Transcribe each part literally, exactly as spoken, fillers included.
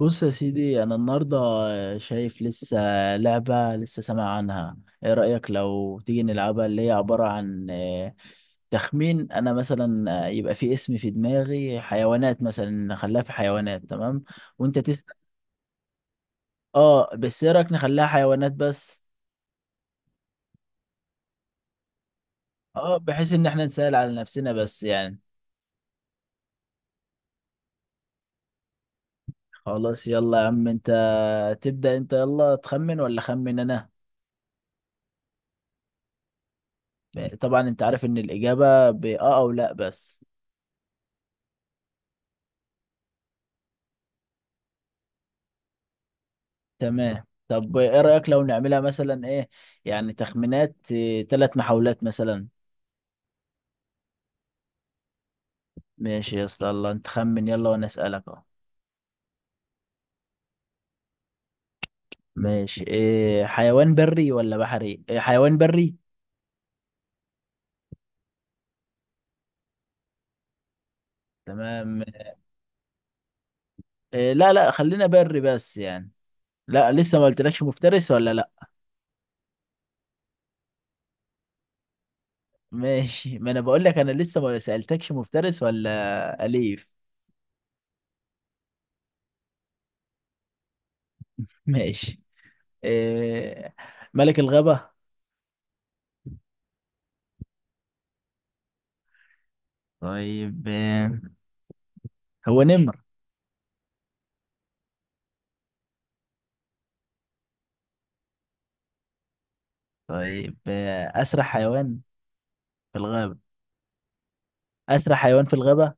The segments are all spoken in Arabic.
بص يا سيدي انا النهارده شايف لسه لعبه لسه سامع عنها. ايه رايك لو تيجي نلعبها اللي هي عباره عن آه، تخمين. انا مثلا آه، يبقى في اسم في دماغي، حيوانات مثلا، نخليها في حيوانات، تمام؟ وانت تسال. اه بس ايه رايك نخليها حيوانات بس. اه بحيث ان احنا نسال على نفسنا بس يعني. خلاص يلا يا عم، انت تبدا، انت يلا تخمن ولا خمن انا؟ طبعا انت عارف ان الاجابه باه او لا بس. تمام، طب ايه رأيك لو نعملها مثلا ايه، يعني تخمينات، ثلاث محاولات مثلا. ماشي يا اسطى، الله، انت خمن يلا وانا اسألك اهو. ماشي، إيه، حيوان بري ولا بحري؟ إيه حيوان بري. تمام. إيه، لا لا خلينا بري بس يعني. لا لسه ما قلتلكش مفترس ولا لا. ماشي، ما انا بقول لك انا لسه ما سألتكش مفترس ولا أليف. ماشي. إيه، ملك الغابة. طيب إيه، هو نمر؟ طيب إيه، أسرع حيوان في الغابة. أسرع حيوان في الغابة.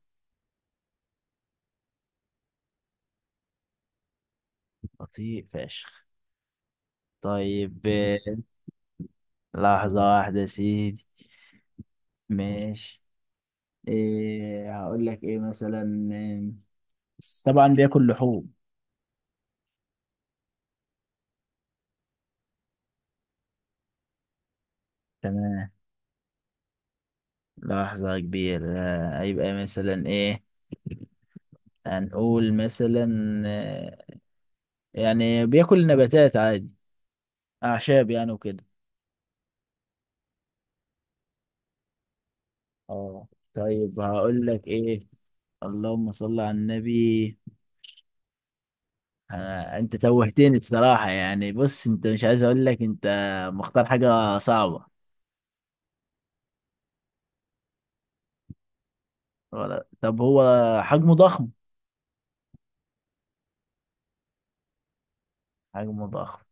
بطيء فشخ. طيب آه، لحظة واحدة يا سيدي. ماشي. إيه هقول لك إيه مثلا، آم، طبعا بياكل لحوم. تمام. لحظة كبيرة، آه، هيبقى مثلا إيه. هنقول مثلا، آه، يعني بياكل نباتات عادي، أعشاب يعني وكده. اه. طيب هقول لك إيه، اللهم صل على النبي. أنا أنت توهتني الصراحة يعني. بص، أنت مش عايز أقول لك أنت مختار حاجة صعبة. ولا طب هو حجمه ضخم. حجمه ضخم.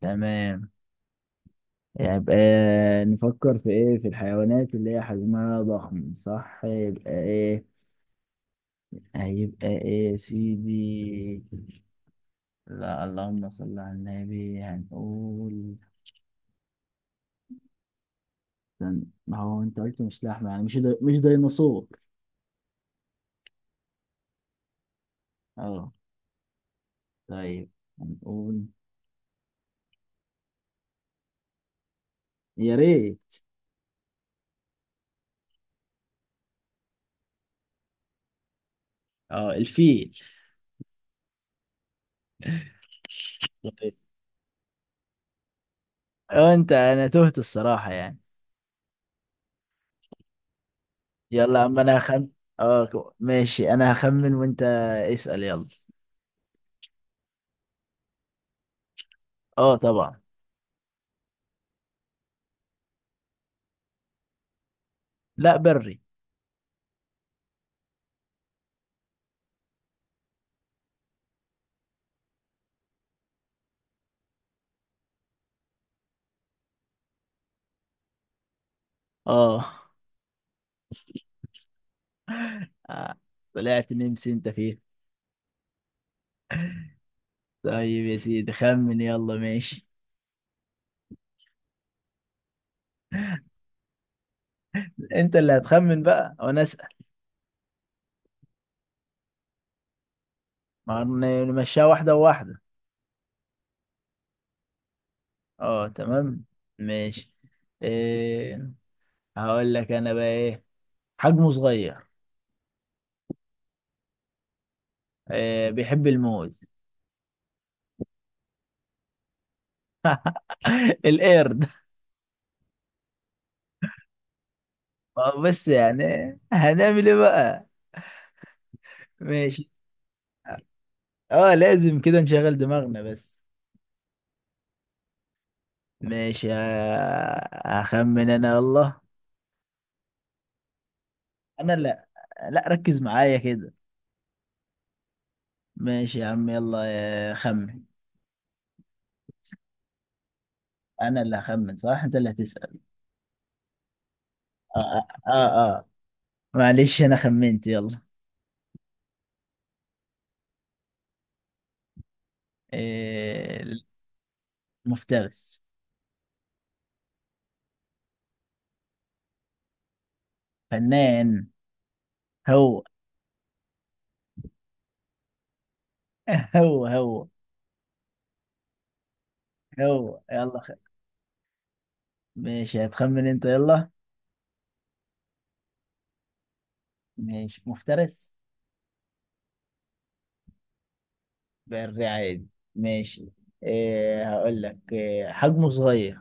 تمام. يبقى نفكر في إيه، في الحيوانات اللي هي حجمها ضخم، صح؟ يبقى إيه هيبقى إيه يا سيدي. لا اللهم صل على النبي. هنقول، استنى، ما هو أنت قلت مش لحمة، يعني مش دي مش ديناصور. أه. طيب، هنقول، يا ريت. اه الفيل. طيب. وانت، انا تهت الصراحة يعني. يلا، اما انا هخم، اه كو- ماشي، انا هخمن وانت اسأل يلا. اه طبعا. لا بري. اه. آه، طلعت نمس انت فيه. طيب يا سيدي، خمن يلا، ماشي. انت اللي هتخمن بقى وانا اسأل. ما هن- نمشيها واحدة واحدة. اه تمام. ماشي. إيه هقول لك انا بقى ايه، حجمه صغير. إيه، بيحب الموز. القرد. ما هو بس يعني. هنعمل ايه بقى؟ ماشي. اه لازم كده نشغل دماغنا بس. ماشي، آه، هخمن انا والله. انا لا، لا ركز معايا كده. ماشي يا عم يلا، آه، خمن. انا اللي هخمن، صح؟ انت اللي هتسأل. اه. اه, آه. آه. معلش انا خمنت يلا. آه، مفترس. فنان. هو هو هو هو يلا خ… ماشي هتخمن انت يلا. ماشي مفترس. بري عادي. ماشي. إيه هقول لك إيه، حجمه صغير.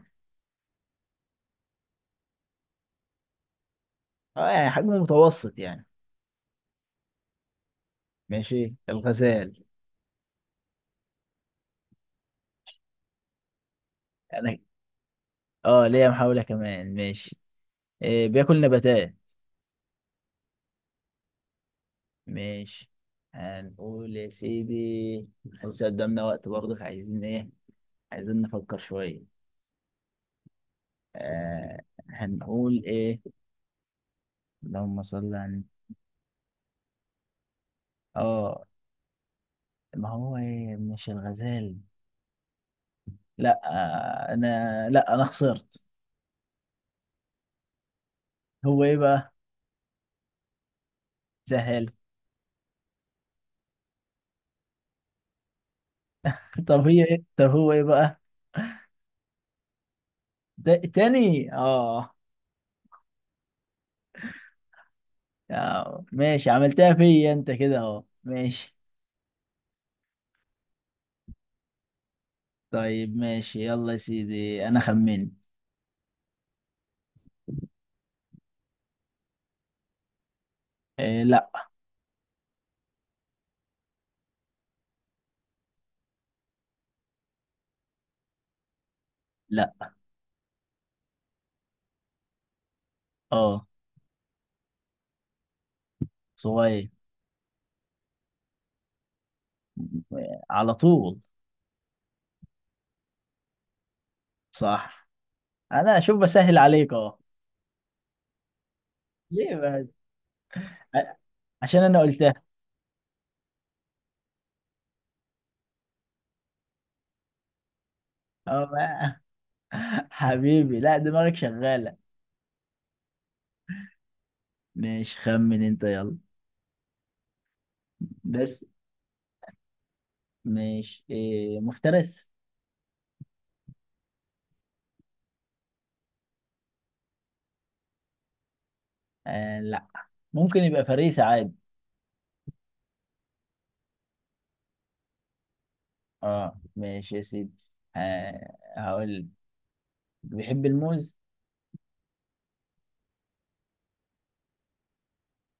اه يعني حجمه متوسط يعني. ماشي، الغزال. انا، اه ليا محاولة كمان، ماشي. إيه بياكل نباتات. ماشي. هنقول يا سيدي، لسه قدامنا وقت برضه، عايزين ايه، عايزين نفكر شوية. آه هنقول ايه. اللهم صل على. اه ما هو إيه مش الغزال؟ لا آه انا، لا انا خسرت. هو ايه بقى؟ سهل. طب هي ايه، طب هو ايه بقى؟ ده تاني اه. يا، ماشي عملتها فيا انت كده اهو، ماشي. طيب ماشي يلا يا سيدي، انا خمنت. إيه لا. لا. اه. صغير. على طول. صح. انا اشوف بسهل عليك اهو. ليه بقى؟ ع- عشان انا قلتها. اه بقى. حبيبي لا، دماغك شغالة. ماشي، خمن انت يلا. بس ماشي، إيه، مفترس؟ آه لا. ممكن يبقى فريسة عادي. اه ماشي يا سيدي. آه هقول بيحب الموز.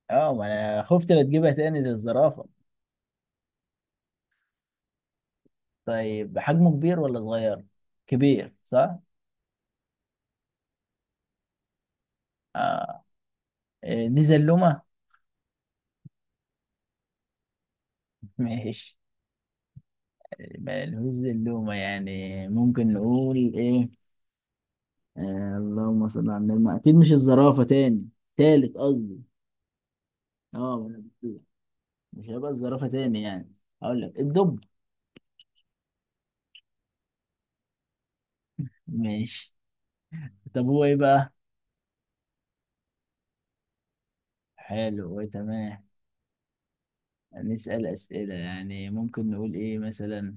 اه ما انا خفت لا تجيبها تاني زي الزرافه. طيب حجمه كبير ولا صغير؟ كبير صح؟ اه. إيه، دي زلومه؟ ماشي. ما لهوش زلومه يعني، ممكن نقول ايه. آه اللهم صل على النبي. ما اكيد مش الزرافه تاني، تالت قصدي. اه ما أنا بقول. مش هيبقى الزرافه تاني يعني. هقول لك الدب. ماشي. طب هو ايه بقى؟ حلو تمام. نسأل أسئلة يعني، ممكن نقول ايه مثلا.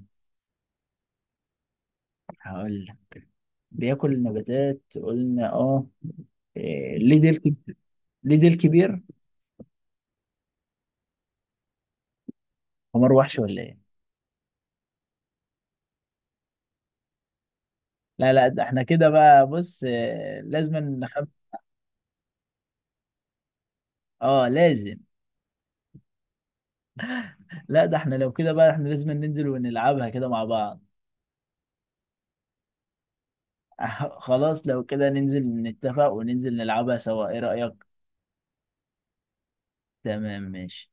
هقول لك بياكل نباتات قلنا اه. إيه، ليه ديل كب- ليه ديل كبير. حمار وحش ولا ايه؟ لا لا ده احنا كده بقى، بص إيه، لازم نخم… اه لازم. لا ده احنا لو كده بقى احنا لازم ننزل ونلعبها كده مع بعض. آه، خلاص لو كده ننزل نتفق وننزل نلعبها سوا، ايه رأيك؟ تمام ماشي.